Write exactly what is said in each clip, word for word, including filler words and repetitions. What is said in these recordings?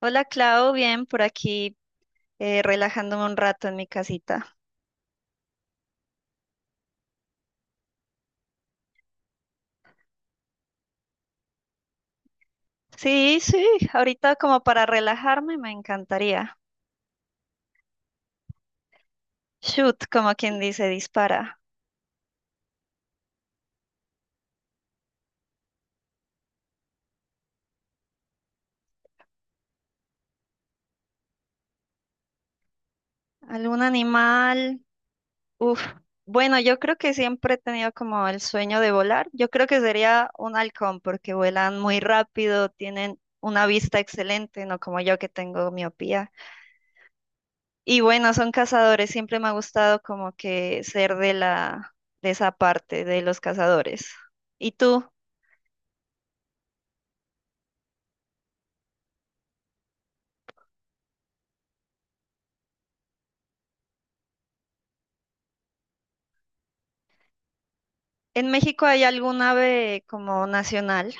Hola Clau, bien por aquí eh, relajándome un rato en mi casita. Sí, sí, ahorita como para relajarme me encantaría. Shoot, como quien dice, dispara. ¿Algún animal? Uf. Bueno, yo creo que siempre he tenido como el sueño de volar. Yo creo que sería un halcón porque vuelan muy rápido, tienen una vista excelente, no como yo que tengo miopía. Y bueno, son cazadores, siempre me ha gustado como que ser de la, de esa parte, de los cazadores. ¿Y tú? ¿En México hay algún ave como nacional?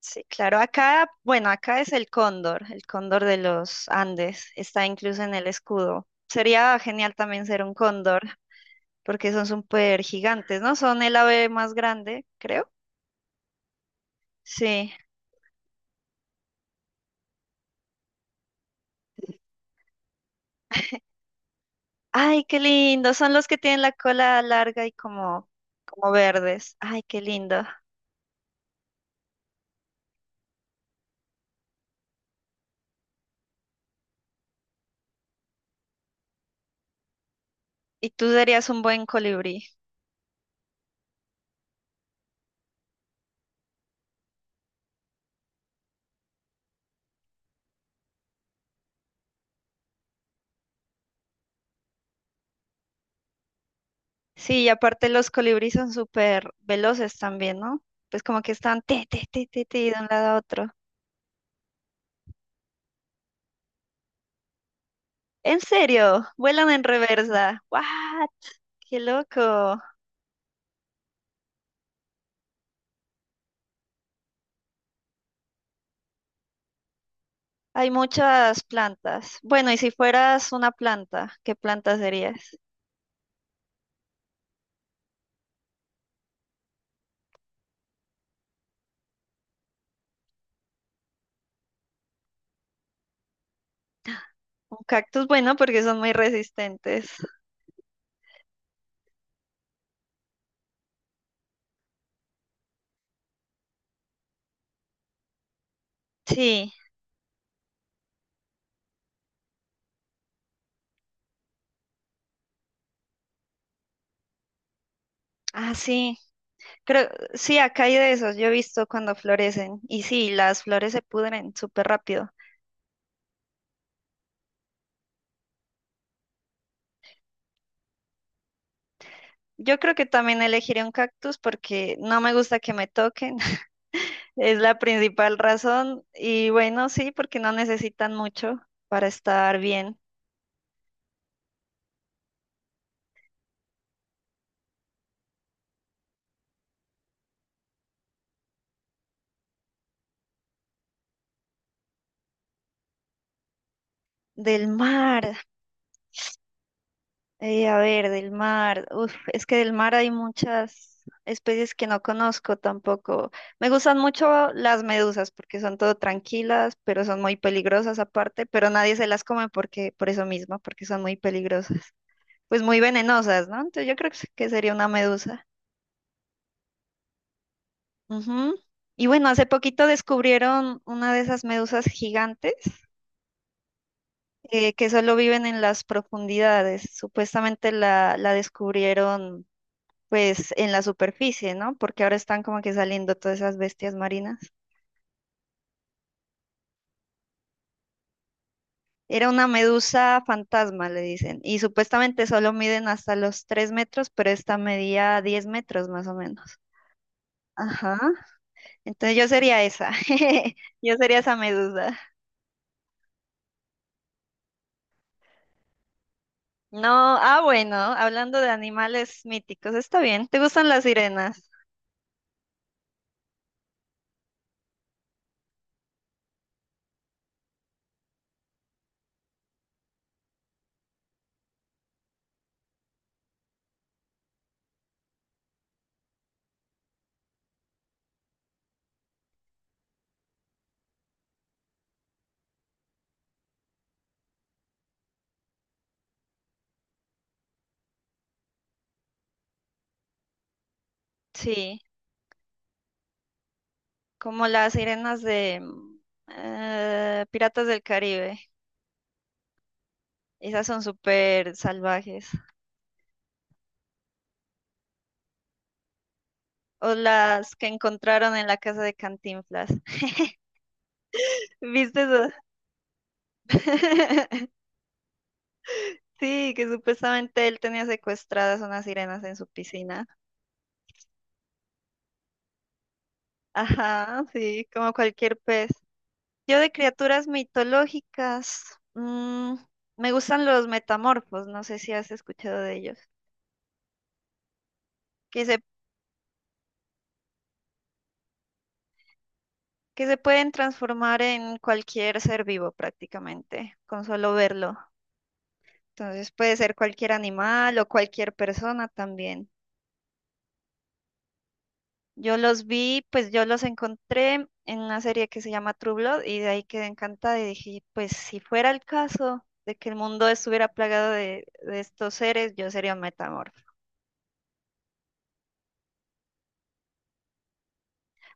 Sí, claro, acá, bueno, acá es el cóndor, el cóndor de los Andes, está incluso en el escudo. Sería genial también ser un cóndor, porque son súper gigantes, ¿no? Son el ave más grande, creo. Sí. Ay, qué lindo, son los que tienen la cola larga y como, como verdes. Ay, qué lindo. Y tú serías un buen colibrí. Sí, y aparte los colibríes son súper veloces también, ¿no? Pues como que están te, te, te, te, te, de un lado a otro. En serio, vuelan en reversa. ¡What! ¡Qué loco! Hay muchas plantas. Bueno, y si fueras una planta, ¿qué planta serías? Un cactus, bueno, porque son muy resistentes. Sí, ah, sí. Creo, sí, acá hay de esos. Yo he visto cuando florecen. Y sí, las flores se pudren súper rápido. Yo creo que también elegiré un cactus porque no me gusta que me toquen. Es la principal razón. Y bueno, sí, porque no necesitan mucho para estar bien. Del mar, eh, a ver, del mar. Uf, es que del mar hay muchas especies que no conozco tampoco. Me gustan mucho las medusas porque son todo tranquilas, pero son muy peligrosas aparte, pero nadie se las come porque, por eso mismo, porque son muy peligrosas. Pues muy venenosas, ¿no? Entonces yo creo que sería una medusa. Ujú. Y bueno, hace poquito descubrieron una de esas medusas gigantes eh, que solo viven en las profundidades. Supuestamente la, la descubrieron pues en la superficie, ¿no? Porque ahora están como que saliendo todas esas bestias marinas. Era una medusa fantasma, le dicen. Y supuestamente solo miden hasta los tres metros, pero esta medía diez metros más o menos. Ajá. Entonces yo sería esa. Yo sería esa medusa. No, ah, bueno, hablando de animales míticos, está bien. ¿Te gustan las sirenas? Sí, como las sirenas de mm, eh, Piratas del Caribe. Esas son súper salvajes. O las que encontraron en la casa de Cantinflas. ¿Viste eso? Sí, que supuestamente él tenía secuestradas unas sirenas en su piscina. Ajá, sí, como cualquier pez. Yo de criaturas mitológicas, mm, me gustan los metamorfos, no sé si has escuchado de ellos, que se, que se pueden transformar en cualquier ser vivo prácticamente, con solo verlo. Entonces puede ser cualquier animal o cualquier persona también. Yo los vi, pues yo los encontré en una serie que se llama True Blood y de ahí quedé encantada y dije, pues si fuera el caso de que el mundo estuviera plagado de, de estos seres, yo sería un metamorfo.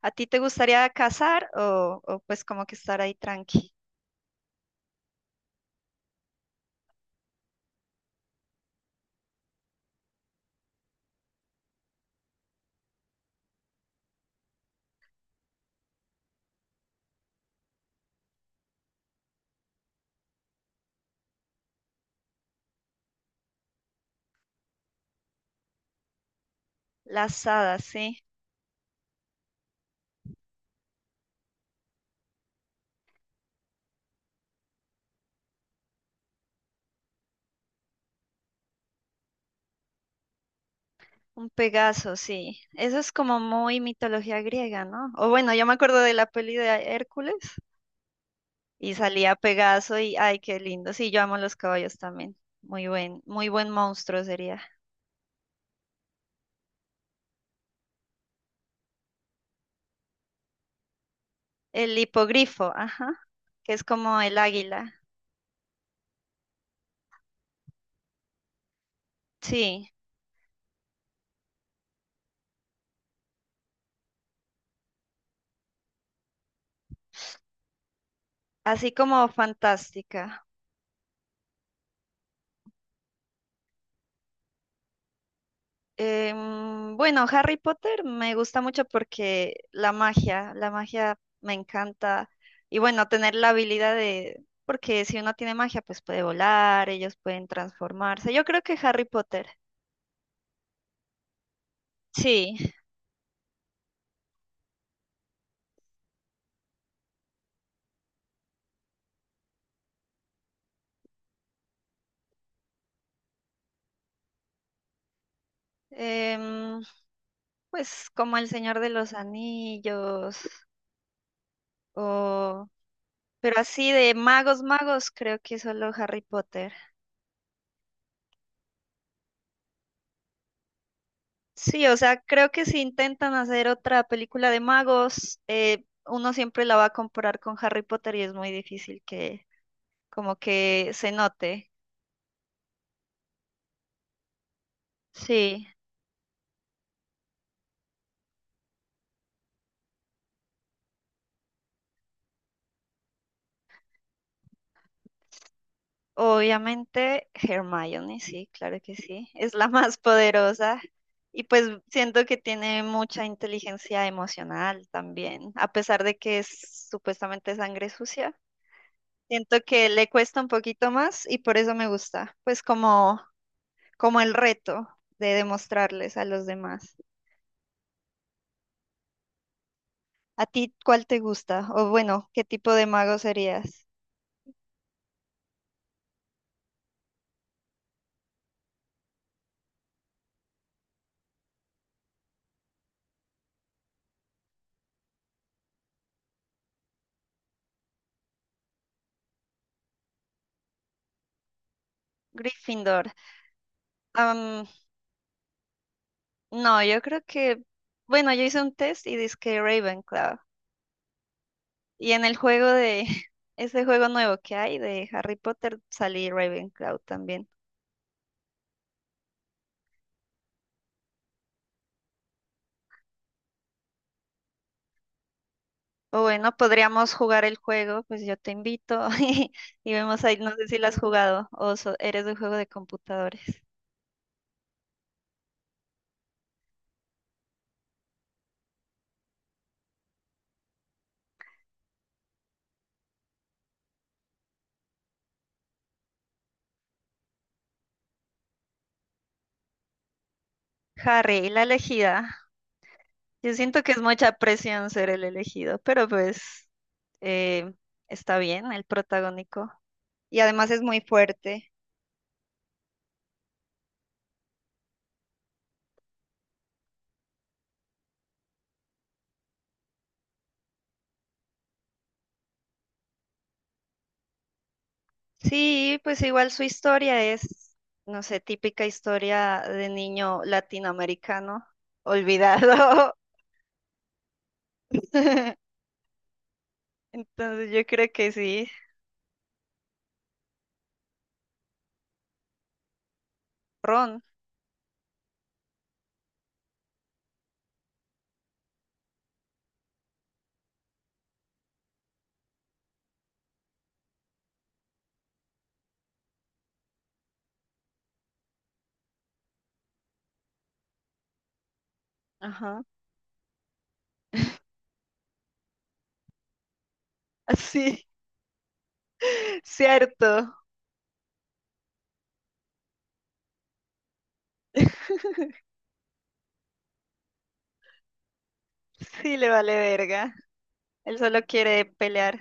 ¿A ti te gustaría cazar o, o pues como que estar ahí tranqui? Las hadas, sí. Un Pegaso, sí. Eso es como muy mitología griega, ¿no? O bueno, yo me acuerdo de la peli de Hércules y salía Pegaso y ay, qué lindo. Sí, yo amo los caballos también. Muy buen, muy buen monstruo sería. El hipogrifo, ajá, que es como el águila. Sí, así como fantástica. Em, bueno, Harry Potter me gusta mucho porque la magia, la magia me encanta. Y bueno, tener la habilidad de, porque si uno tiene magia, pues puede volar, ellos pueden transformarse. Yo creo que Harry Potter. Sí. Em, pues como El Señor de los Anillos, o... pero así de magos, magos, creo que solo Harry Potter. Sí, o sea, creo que si intentan hacer otra película de magos, eh, uno siempre la va a comparar con Harry Potter y es muy difícil que como que se note. Sí, obviamente Hermione, sí, claro que sí, es la más poderosa y pues siento que tiene mucha inteligencia emocional también, a pesar de que es supuestamente sangre sucia. Siento que le cuesta un poquito más y por eso me gusta, pues como como el reto de demostrarles a los demás. ¿A ti cuál te gusta? O bueno, ¿qué tipo de mago serías? Gryffindor. Am, no, yo creo que, bueno, yo hice un test y dizque Ravenclaw. Y en el juego de, ese juego nuevo que hay de Harry Potter, salí Ravenclaw también. O bueno, podríamos jugar el juego, pues yo te invito y, y vemos ahí, no sé si lo has jugado o so- eres de un juego de computadores. Harry, la elegida. Yo siento que es mucha presión ser el elegido, pero pues eh, está bien el protagónico. Y además es muy fuerte. Sí, pues igual su historia es, no sé, típica historia de niño latinoamericano olvidado. Entonces yo creo que sí, Ron. Ajá. Sí, cierto. Sí, le vale verga. Él solo quiere pelear.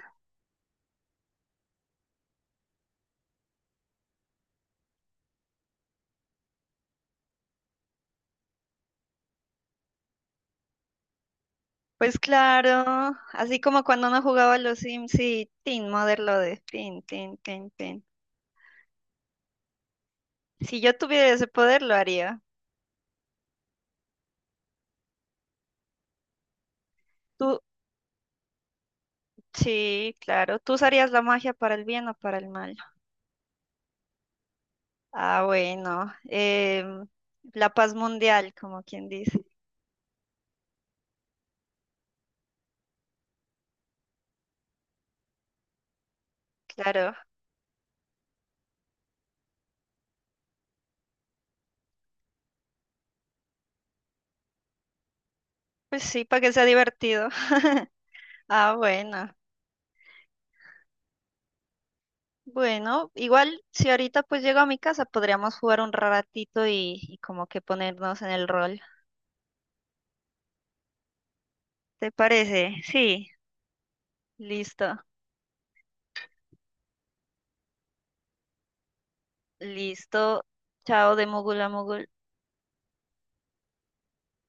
Pues claro, así como cuando uno jugaba a los Sims y Tin, Mother lo de Tin, Tin, Tin, Tin. Si yo tuviera ese poder, lo haría. Tú, sí, claro. ¿Tú usarías la magia para el bien o para el mal? Ah, bueno. em, la paz mundial, como quien dice. Claro. Pues sí, para que sea divertido. Ah, bueno. Bueno, igual si ahorita pues llego a mi casa, podríamos jugar un ratito y, y como que ponernos en el rol. ¿Te parece? Sí, listo. Listo. Chao de mogul a mogul.